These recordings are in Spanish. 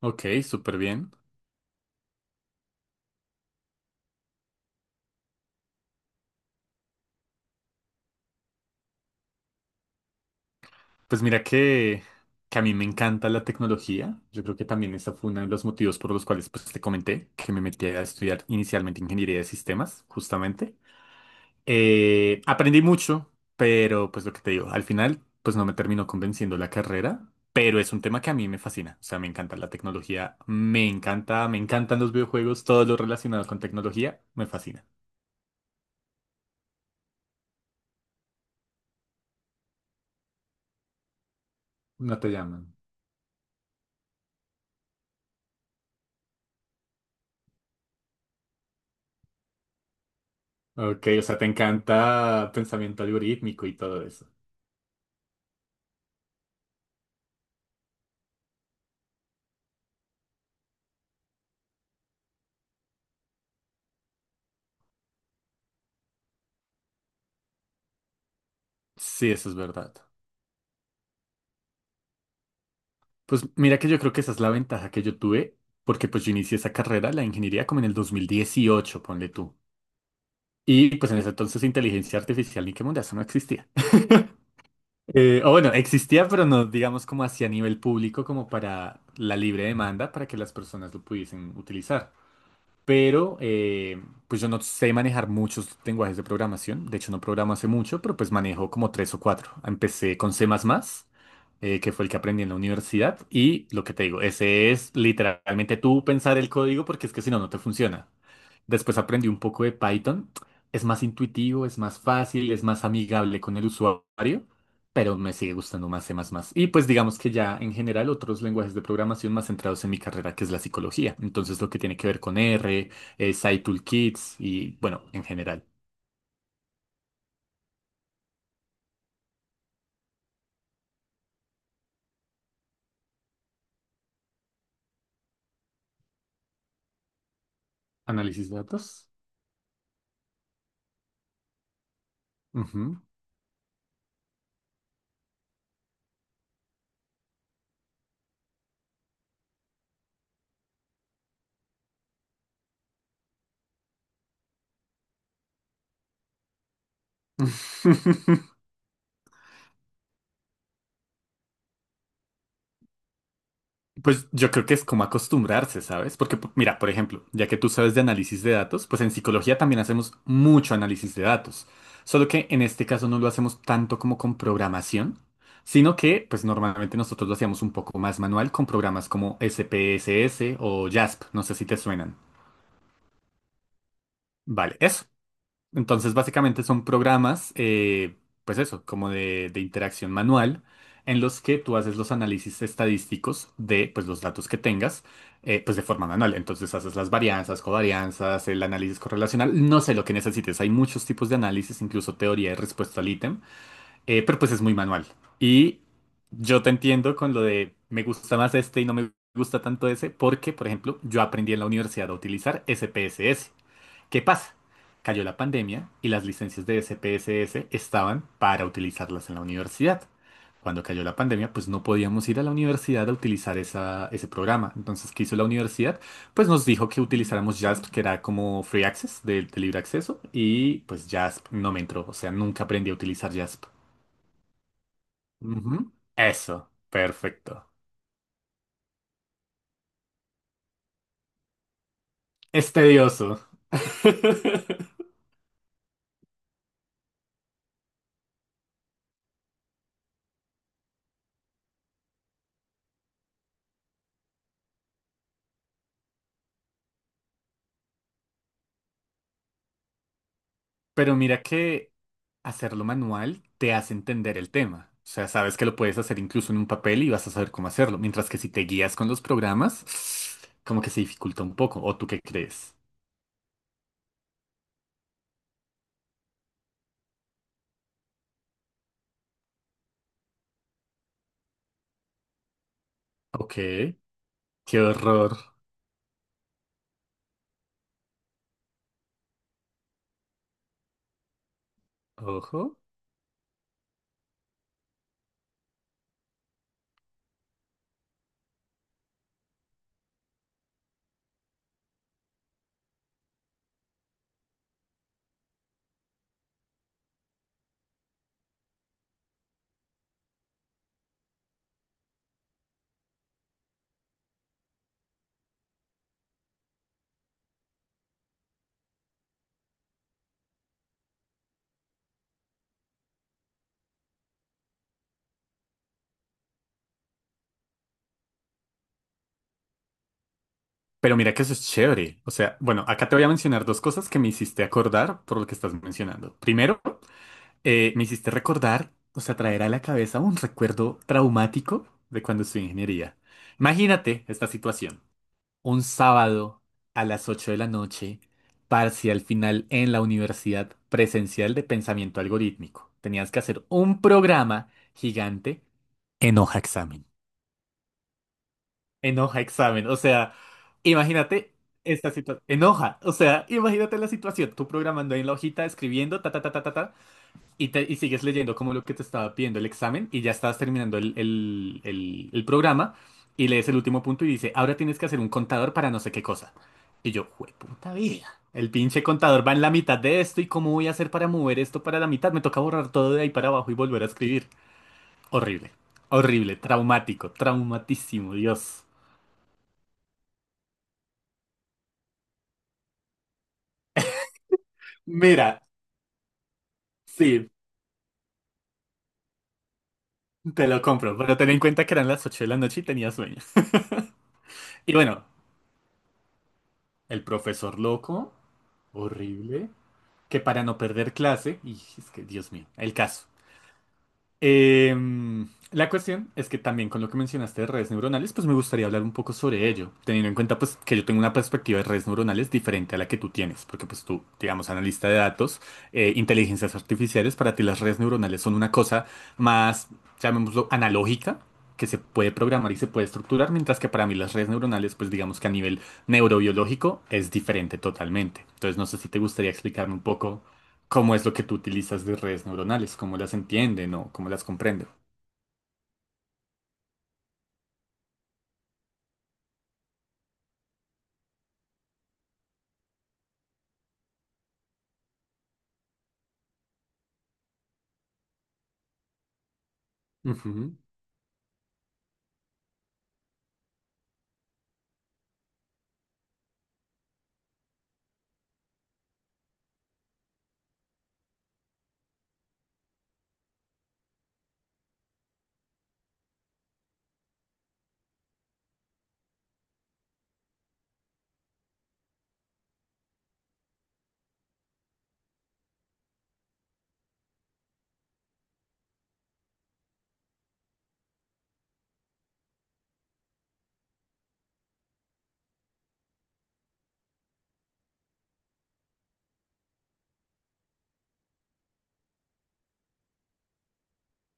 Ok, súper bien. Pues mira que, a mí me encanta la tecnología. Yo creo que también esa fue uno de los motivos por los cuales pues, te comenté que me metí a estudiar inicialmente ingeniería de sistemas, justamente. Aprendí mucho, pero pues lo que te digo, al final pues no me terminó convenciendo la carrera, pero es un tema que a mí me fascina. O sea, me encanta la tecnología, me encanta, me encantan los videojuegos, todo lo relacionado con tecnología, me fascina. No te llaman. Ok, o sea, te encanta pensamiento algorítmico y todo eso. Sí, eso es verdad. Pues mira que yo creo que esa es la ventaja que yo tuve, porque pues yo inicié esa carrera, la ingeniería, como en el 2018, ponle tú. Y pues en ese entonces inteligencia artificial ni qué mundo, eso no existía. O bueno, existía, pero no, digamos, como hacia nivel público, como para la libre demanda, para que las personas lo pudiesen utilizar, pero pues yo no sé manejar muchos lenguajes de programación. De hecho, no programo hace mucho, pero pues manejo como tres o cuatro. Empecé con C++, que fue el que aprendí en la universidad. Y lo que te digo, ese es literalmente tú pensar el código porque es que si no, no te funciona. Después aprendí un poco de Python. Es más intuitivo, es más fácil, es más amigable con el usuario, pero me sigue gustando más C++. Y pues digamos que ya en general otros lenguajes de programación más centrados en mi carrera, que es la psicología. Entonces lo que tiene que ver con R, SciToolKits Toolkits y bueno, en general, análisis de datos. Ujú. Pues yo creo que es como acostumbrarse, ¿sabes? Porque, mira, por ejemplo, ya que tú sabes de análisis de datos, pues en psicología también hacemos mucho análisis de datos. Solo que en este caso no lo hacemos tanto como con programación, sino que, pues normalmente nosotros lo hacíamos un poco más manual con programas como SPSS o JASP, no sé si te suenan. Vale, eso. Entonces, básicamente son programas, pues eso, como de interacción manual, en los que tú haces los análisis estadísticos de pues, los datos que tengas, pues de forma manual. Entonces haces las varianzas, covarianzas, el análisis correlacional, no sé lo que necesites. Hay muchos tipos de análisis, incluso teoría de respuesta al ítem, pero pues es muy manual. Y yo te entiendo con lo de me gusta más este y no me gusta tanto ese, porque, por ejemplo, yo aprendí en la universidad a utilizar SPSS. ¿Qué pasa? Cayó la pandemia y las licencias de SPSS estaban para utilizarlas en la universidad. Cuando cayó la pandemia, pues no podíamos ir a la universidad a utilizar ese programa. Entonces, ¿qué hizo la universidad? Pues nos dijo que utilizáramos JASP, que era como free access, de libre acceso, y pues JASP no me entró. O sea, nunca aprendí a utilizar JASP. Ujú. Eso, perfecto. Es tedioso. Pero mira que hacerlo manual te hace entender el tema. O sea, sabes que lo puedes hacer incluso en un papel y vas a saber cómo hacerlo. Mientras que si te guías con los programas, como que se dificulta un poco. ¿O tú qué crees? Ok, qué horror. Ojo. Pero mira que eso es chévere. O sea, bueno, acá te voy a mencionar dos cosas que me hiciste acordar por lo que estás mencionando. Primero, me hiciste recordar, o sea, traer a la cabeza un recuerdo traumático de cuando estudié ingeniería. Imagínate esta situación. Un sábado a las 8 de la noche, parcial final en la Universidad Presencial de Pensamiento Algorítmico. Tenías que hacer un programa gigante en hoja examen. En hoja examen. O sea, imagínate esta situación. En hoja. O sea, imagínate la situación. Tú programando ahí en la hojita, escribiendo, ta, ta, ta, ta, ta, ta. Y, y sigues leyendo como lo que te estaba pidiendo el examen y ya estabas terminando el programa y lees el último punto y dice, ahora tienes que hacer un contador para no sé qué cosa. Y yo, puta vida. El pinche contador va en la mitad de esto y cómo voy a hacer para mover esto para la mitad. Me toca borrar todo de ahí para abajo y volver a escribir. Horrible, horrible, traumático, traumatísimo, Dios. Mira, sí, te lo compro, pero ten en cuenta que eran las 8 de la noche y tenía sueños. Y bueno, el profesor loco, horrible, que para no perder clase, y es que, Dios mío, el caso. La cuestión es que también con lo que mencionaste de redes neuronales, pues me gustaría hablar un poco sobre ello, teniendo en cuenta pues que yo tengo una perspectiva de redes neuronales diferente a la que tú tienes, porque pues tú, digamos, analista de datos, inteligencias artificiales, para ti las redes neuronales son una cosa más, llamémoslo, analógica, que se puede programar y se puede estructurar, mientras que para mí las redes neuronales, pues digamos que a nivel neurobiológico es diferente totalmente. Entonces no sé si te gustaría explicarme un poco cómo es lo que tú utilizas de redes neuronales, cómo las entienden o cómo las comprenden. Ujú.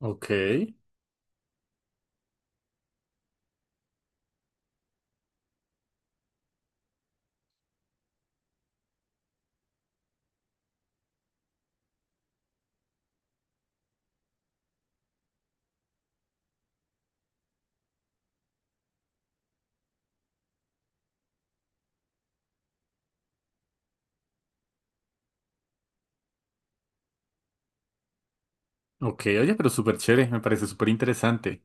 Ok, ok, oye, pero súper chévere, me parece súper interesante.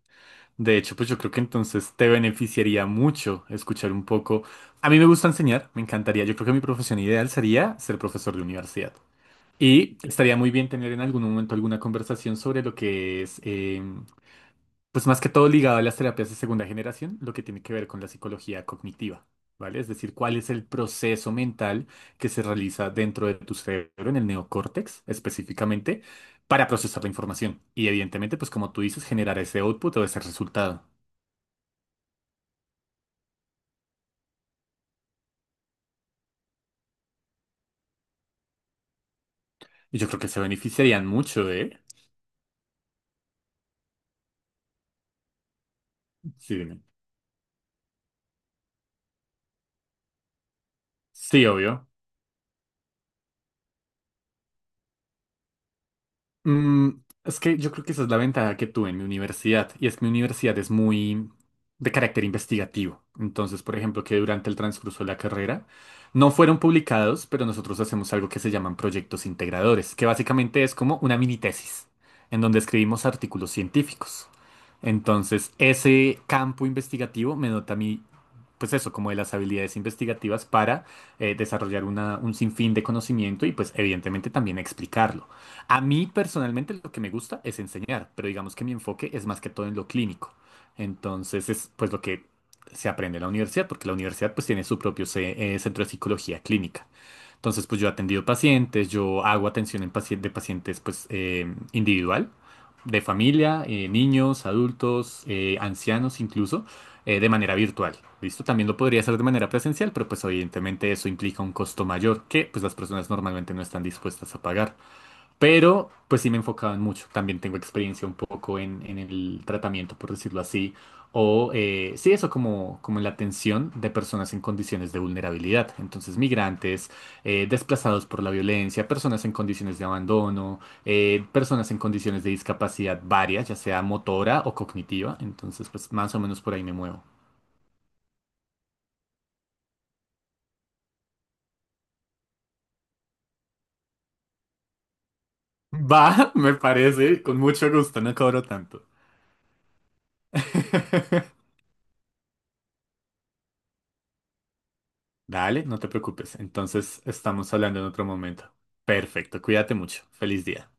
De hecho, pues yo creo que entonces te beneficiaría mucho escuchar un poco. A mí me gusta enseñar, me encantaría. Yo creo que mi profesión ideal sería ser profesor de universidad. Y estaría muy bien tener en algún momento alguna conversación sobre lo que es, pues más que todo ligado a las terapias de segunda generación, lo que tiene que ver con la psicología cognitiva, ¿vale? Es decir, cuál es el proceso mental que se realiza dentro de tu cerebro, en el neocórtex específicamente, para procesar la información. Y evidentemente, pues como tú dices, generar ese output o ese resultado. Y yo creo que se beneficiarían mucho, ¿eh? Sí, dime. Sí, obvio. Mm, es que yo creo que esa es la ventaja que tuve en mi universidad, y es que mi universidad es muy de carácter investigativo. Entonces, por ejemplo, que durante el transcurso de la carrera no fueron publicados, pero nosotros hacemos algo que se llaman proyectos integradores, que básicamente es como una mini tesis, en donde escribimos artículos científicos. Entonces, ese campo investigativo me nota a mí pues eso, como de las habilidades investigativas para desarrollar un sinfín de conocimiento y pues evidentemente también explicarlo. A mí personalmente lo que me gusta es enseñar, pero digamos que mi enfoque es más que todo en lo clínico. Entonces es pues lo que se aprende en la universidad, porque la universidad pues tiene su propio centro de psicología clínica. Entonces, pues yo he atendido pacientes, yo hago atención en de pacientes pues individual, de familia, niños, adultos, ancianos incluso, de manera virtual. ¿Listo? También lo podría hacer de manera presencial, pero pues evidentemente eso implica un costo mayor que pues las personas normalmente no están dispuestas a pagar. Pero pues sí me enfocaban mucho. También tengo experiencia un poco en el tratamiento, por decirlo así. O Sí, eso como, como en la atención de personas en condiciones de vulnerabilidad. Entonces, migrantes, desplazados por la violencia, personas en condiciones de abandono, personas en condiciones de discapacidad varias, ya sea motora o cognitiva. Entonces, pues más o menos por ahí me muevo. Va, me parece, con mucho gusto, no cobro tanto. Dale, no te preocupes. Entonces estamos hablando en otro momento. Perfecto, cuídate mucho. Feliz día.